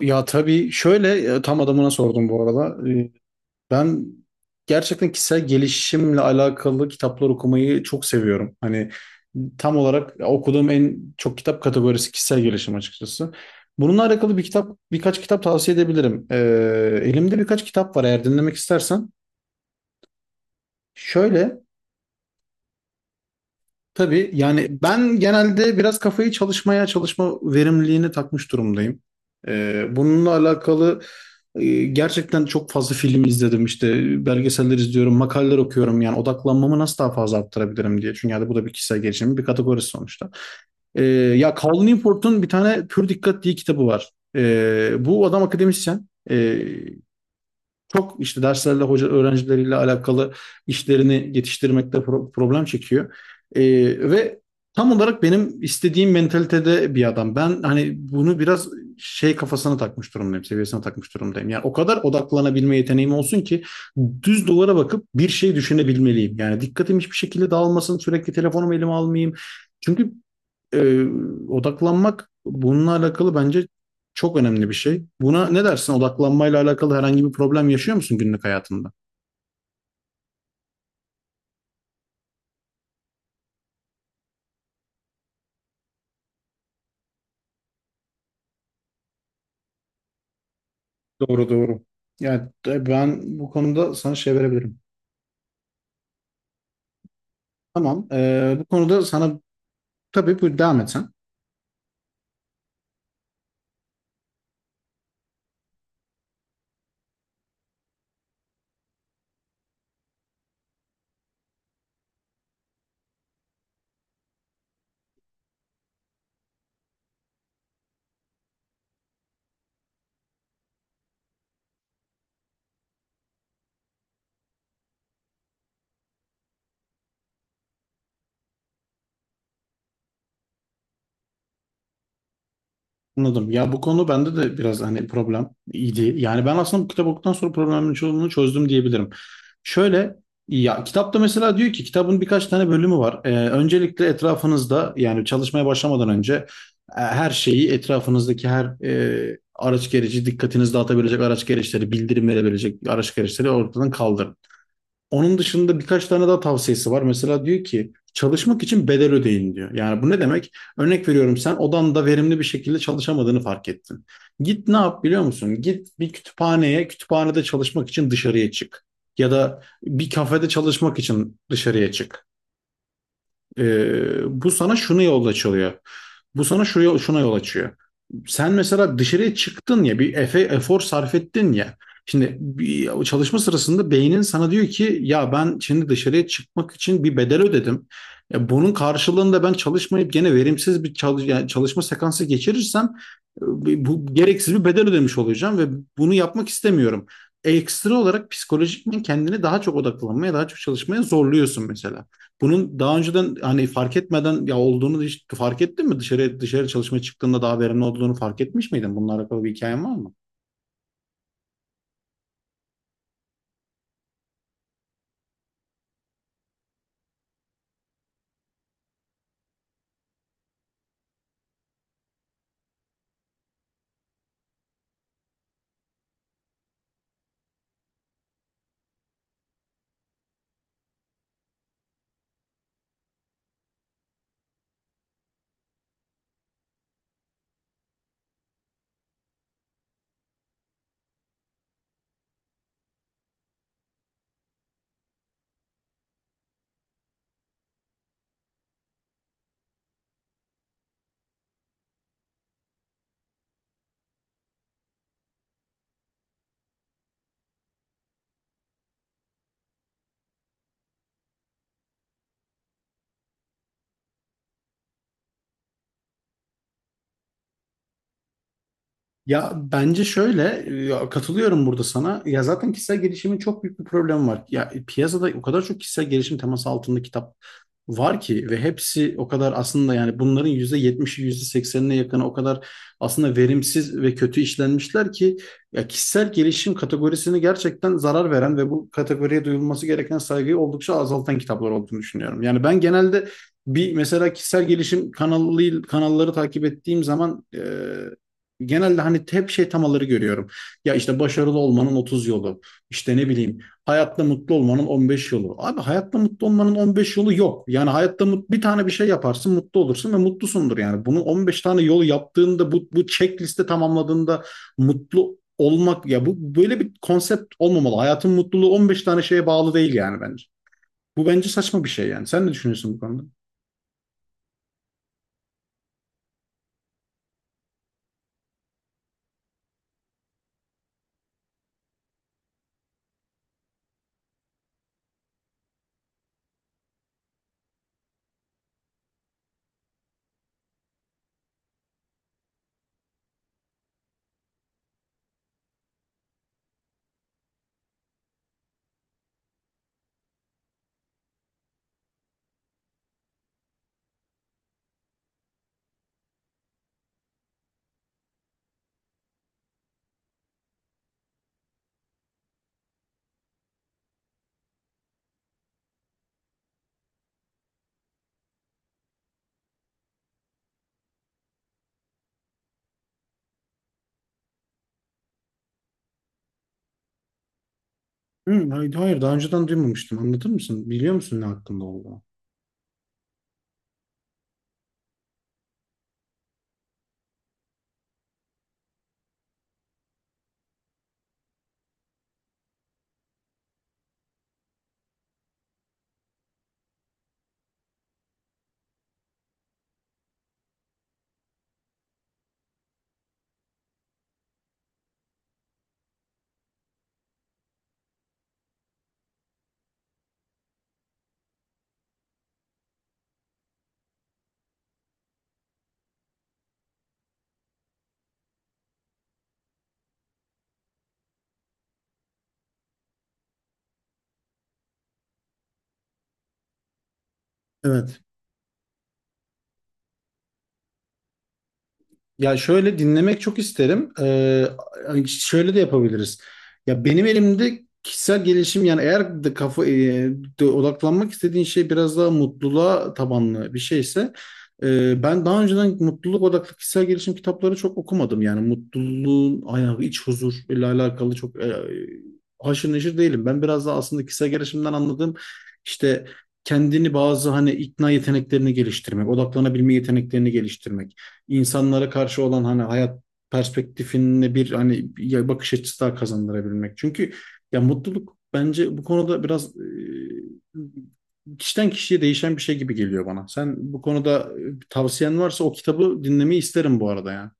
Ya tabii şöyle tam adamına sordum bu arada. Ben gerçekten kişisel gelişimle alakalı kitaplar okumayı çok seviyorum. Hani tam olarak okuduğum en çok kitap kategorisi kişisel gelişim açıkçası. Bununla alakalı bir kitap, birkaç kitap tavsiye edebilirim. Elimde birkaç kitap var eğer dinlemek istersen. Şöyle Tabii yani ben genelde biraz kafayı çalışmaya, çalışma verimliliğine takmış durumdayım. Bununla alakalı gerçekten çok fazla film izledim, işte belgeseller izliyorum, makaleler okuyorum yani odaklanmamı nasıl daha fazla arttırabilirim diye. Çünkü yani bu da bir kişisel gelişimin bir kategorisi sonuçta. Ya Cal Newport'un bir tane Pür Dikkat diye kitabı var. Bu adam akademisyen. Çok işte derslerle, hoca öğrencileriyle alakalı işlerini yetiştirmekte problem çekiyor. Ee, ve tam olarak benim istediğim mentalitede bir adam. Ben hani bunu biraz şey kafasına takmış durumdayım, seviyesine takmış durumdayım. Yani o kadar odaklanabilme yeteneğim olsun ki düz duvara bakıp bir şey düşünebilmeliyim. Yani dikkatim hiçbir şekilde dağılmasın, sürekli telefonumu elime almayayım. Çünkü e, odaklanmak bununla alakalı bence çok önemli bir şey. Buna ne dersin? Odaklanmayla alakalı herhangi bir problem yaşıyor musun günlük hayatında? Doğru doğru. Yani ben bu konuda sana şey verebilirim. Tamam. Bu konuda sana, tabii bu devam et sen. Anladım. Ya bu konu bende de biraz hani problem idi. Yani ben aslında bu kitap okuduktan sonra problemin çoğunu çözdüm diyebilirim. Şöyle ya kitapta mesela diyor ki kitabın birkaç tane bölümü var. Öncelikle etrafınızda, yani çalışmaya başlamadan önce her şeyi, etrafınızdaki her araç gereci, dikkatinizi dağıtabilecek araç gereçleri, bildirim verebilecek araç gereçleri ortadan kaldırın. Onun dışında birkaç tane daha tavsiyesi var. Mesela diyor ki çalışmak için bedel ödeyin diyor. Yani bu ne demek? Örnek veriyorum, sen odanda verimli bir şekilde çalışamadığını fark ettin. Git ne yap biliyor musun? Git bir kütüphaneye, kütüphanede çalışmak için dışarıya çık. Ya da bir kafede çalışmak için dışarıya çık. Bu sana şunu yol açılıyor. Bu sana şuna yol açıyor. Sen mesela dışarıya çıktın ya, bir efor sarf ettin ya. Şimdi bir çalışma sırasında beynin sana diyor ki ya ben şimdi dışarıya çıkmak için bir bedel ödedim. Ya bunun karşılığında ben çalışmayıp gene verimsiz bir yani çalışma sekansı geçirirsem bu gereksiz bir bedel ödemiş olacağım ve bunu yapmak istemiyorum. Ekstra olarak psikolojikmen kendini daha çok odaklanmaya, daha çok çalışmaya zorluyorsun mesela. Bunun daha önceden hani fark etmeden ya olduğunu hiç fark ettin mi? Dışarı çalışmaya çıktığında daha verimli olduğunu fark etmiş miydin? Bununla alakalı bir hikayen var mı? Ya bence şöyle, ya katılıyorum burada sana. Ya zaten kişisel gelişimin çok büyük bir problemi var. Ya piyasada o kadar çok kişisel gelişim teması altında kitap var ki, ve hepsi o kadar, aslında yani bunların yüzde yetmişi, yüzde seksenine yakını o kadar aslında verimsiz ve kötü işlenmişler ki ya, kişisel gelişim kategorisini gerçekten zarar veren ve bu kategoriye duyulması gereken saygıyı oldukça azaltan kitaplar olduğunu düşünüyorum. Yani ben genelde bir mesela kişisel gelişim kanalı, kanalları takip ettiğim zaman, genelde hani hep şey temaları görüyorum. Ya işte başarılı olmanın 30 yolu. İşte ne bileyim, hayatta mutlu olmanın 15 yolu. Abi hayatta mutlu olmanın 15 yolu yok. Yani hayatta bir tane bir şey yaparsın, mutlu olursun ve mutlusundur yani. Bunu 15 tane yolu yaptığında, bu checkliste tamamladığında mutlu olmak, ya bu böyle bir konsept olmamalı. Hayatın mutluluğu 15 tane şeye bağlı değil yani bence. Bu bence saçma bir şey yani. Sen ne düşünüyorsun bu konuda? Hı, hayır, hayır, daha önceden duymamıştım. Anlatır mısın? Biliyor musun ne hakkında olduğunu? Evet. Ya şöyle, dinlemek çok isterim. Şöyle de yapabiliriz. Ya benim elimde kişisel gelişim, yani eğer de kafa de odaklanmak istediğin şey biraz daha mutluluğa tabanlı bir şeyse, ben daha önceden mutluluk odaklı kişisel gelişim kitapları çok okumadım. Yani mutluluğun ayağı, iç huzur ile alakalı çok haşır neşir değilim. Ben biraz daha, aslında kişisel gelişimden anladığım işte, kendini bazı hani ikna yeteneklerini geliştirmek, odaklanabilme yeteneklerini geliştirmek, insanlara karşı olan hani hayat perspektifinde bir hani bir bakış açısı daha kazandırabilmek. Çünkü ya mutluluk bence bu konuda biraz kişiden kişiye değişen bir şey gibi geliyor bana. Sen bu konuda tavsiyen varsa o kitabı dinlemeyi isterim bu arada yani.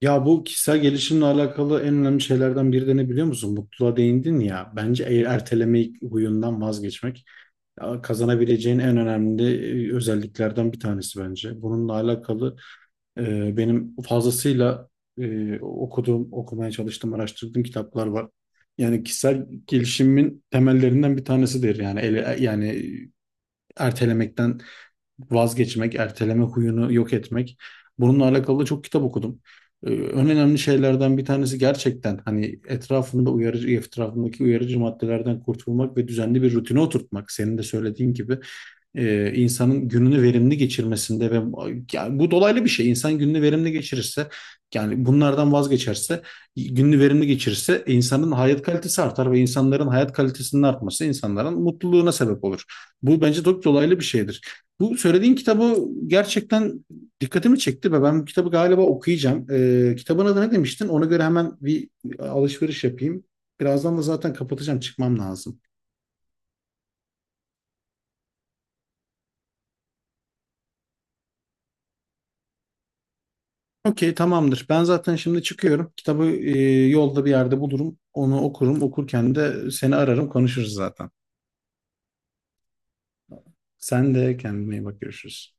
Ya, bu kişisel gelişimle alakalı en önemli şeylerden biri de ne biliyor musun? Mutluluğa değindin ya. Bence eğer ertelemeyi huyundan vazgeçmek ya, kazanabileceğin en önemli özelliklerden bir tanesi bence. Bununla alakalı benim fazlasıyla okuduğum, okumaya çalıştığım, araştırdığım kitaplar var. Yani kişisel gelişimin temellerinden bir tanesidir. Yani ertelemekten vazgeçmek, erteleme huyunu yok etmek. Bununla alakalı da çok kitap okudum. En önemli şeylerden bir tanesi, gerçekten hani etrafında uyarıcı, etrafındaki uyarıcı maddelerden kurtulmak ve düzenli bir rutine oturtmak. Senin de söylediğin gibi insanın gününü verimli geçirmesinde ve, yani bu dolaylı bir şey. İnsan gününü verimli geçirirse, yani bunlardan vazgeçerse, gününü verimli geçirirse insanın hayat kalitesi artar, ve insanların hayat kalitesinin artması insanların mutluluğuna sebep olur. Bu bence çok dolaylı bir şeydir. Bu söylediğin kitabı gerçekten dikkatimi çekti ve ben bu kitabı galiba okuyacağım. Kitabın adı ne demiştin? Ona göre hemen bir alışveriş yapayım. Birazdan da zaten kapatacağım, çıkmam lazım. Okey, tamamdır. Ben zaten şimdi çıkıyorum. Kitabı yolda bir yerde bulurum. Onu okurum. Okurken de seni ararım, konuşuruz zaten. Sen de kendine iyi bak, görüşürüz.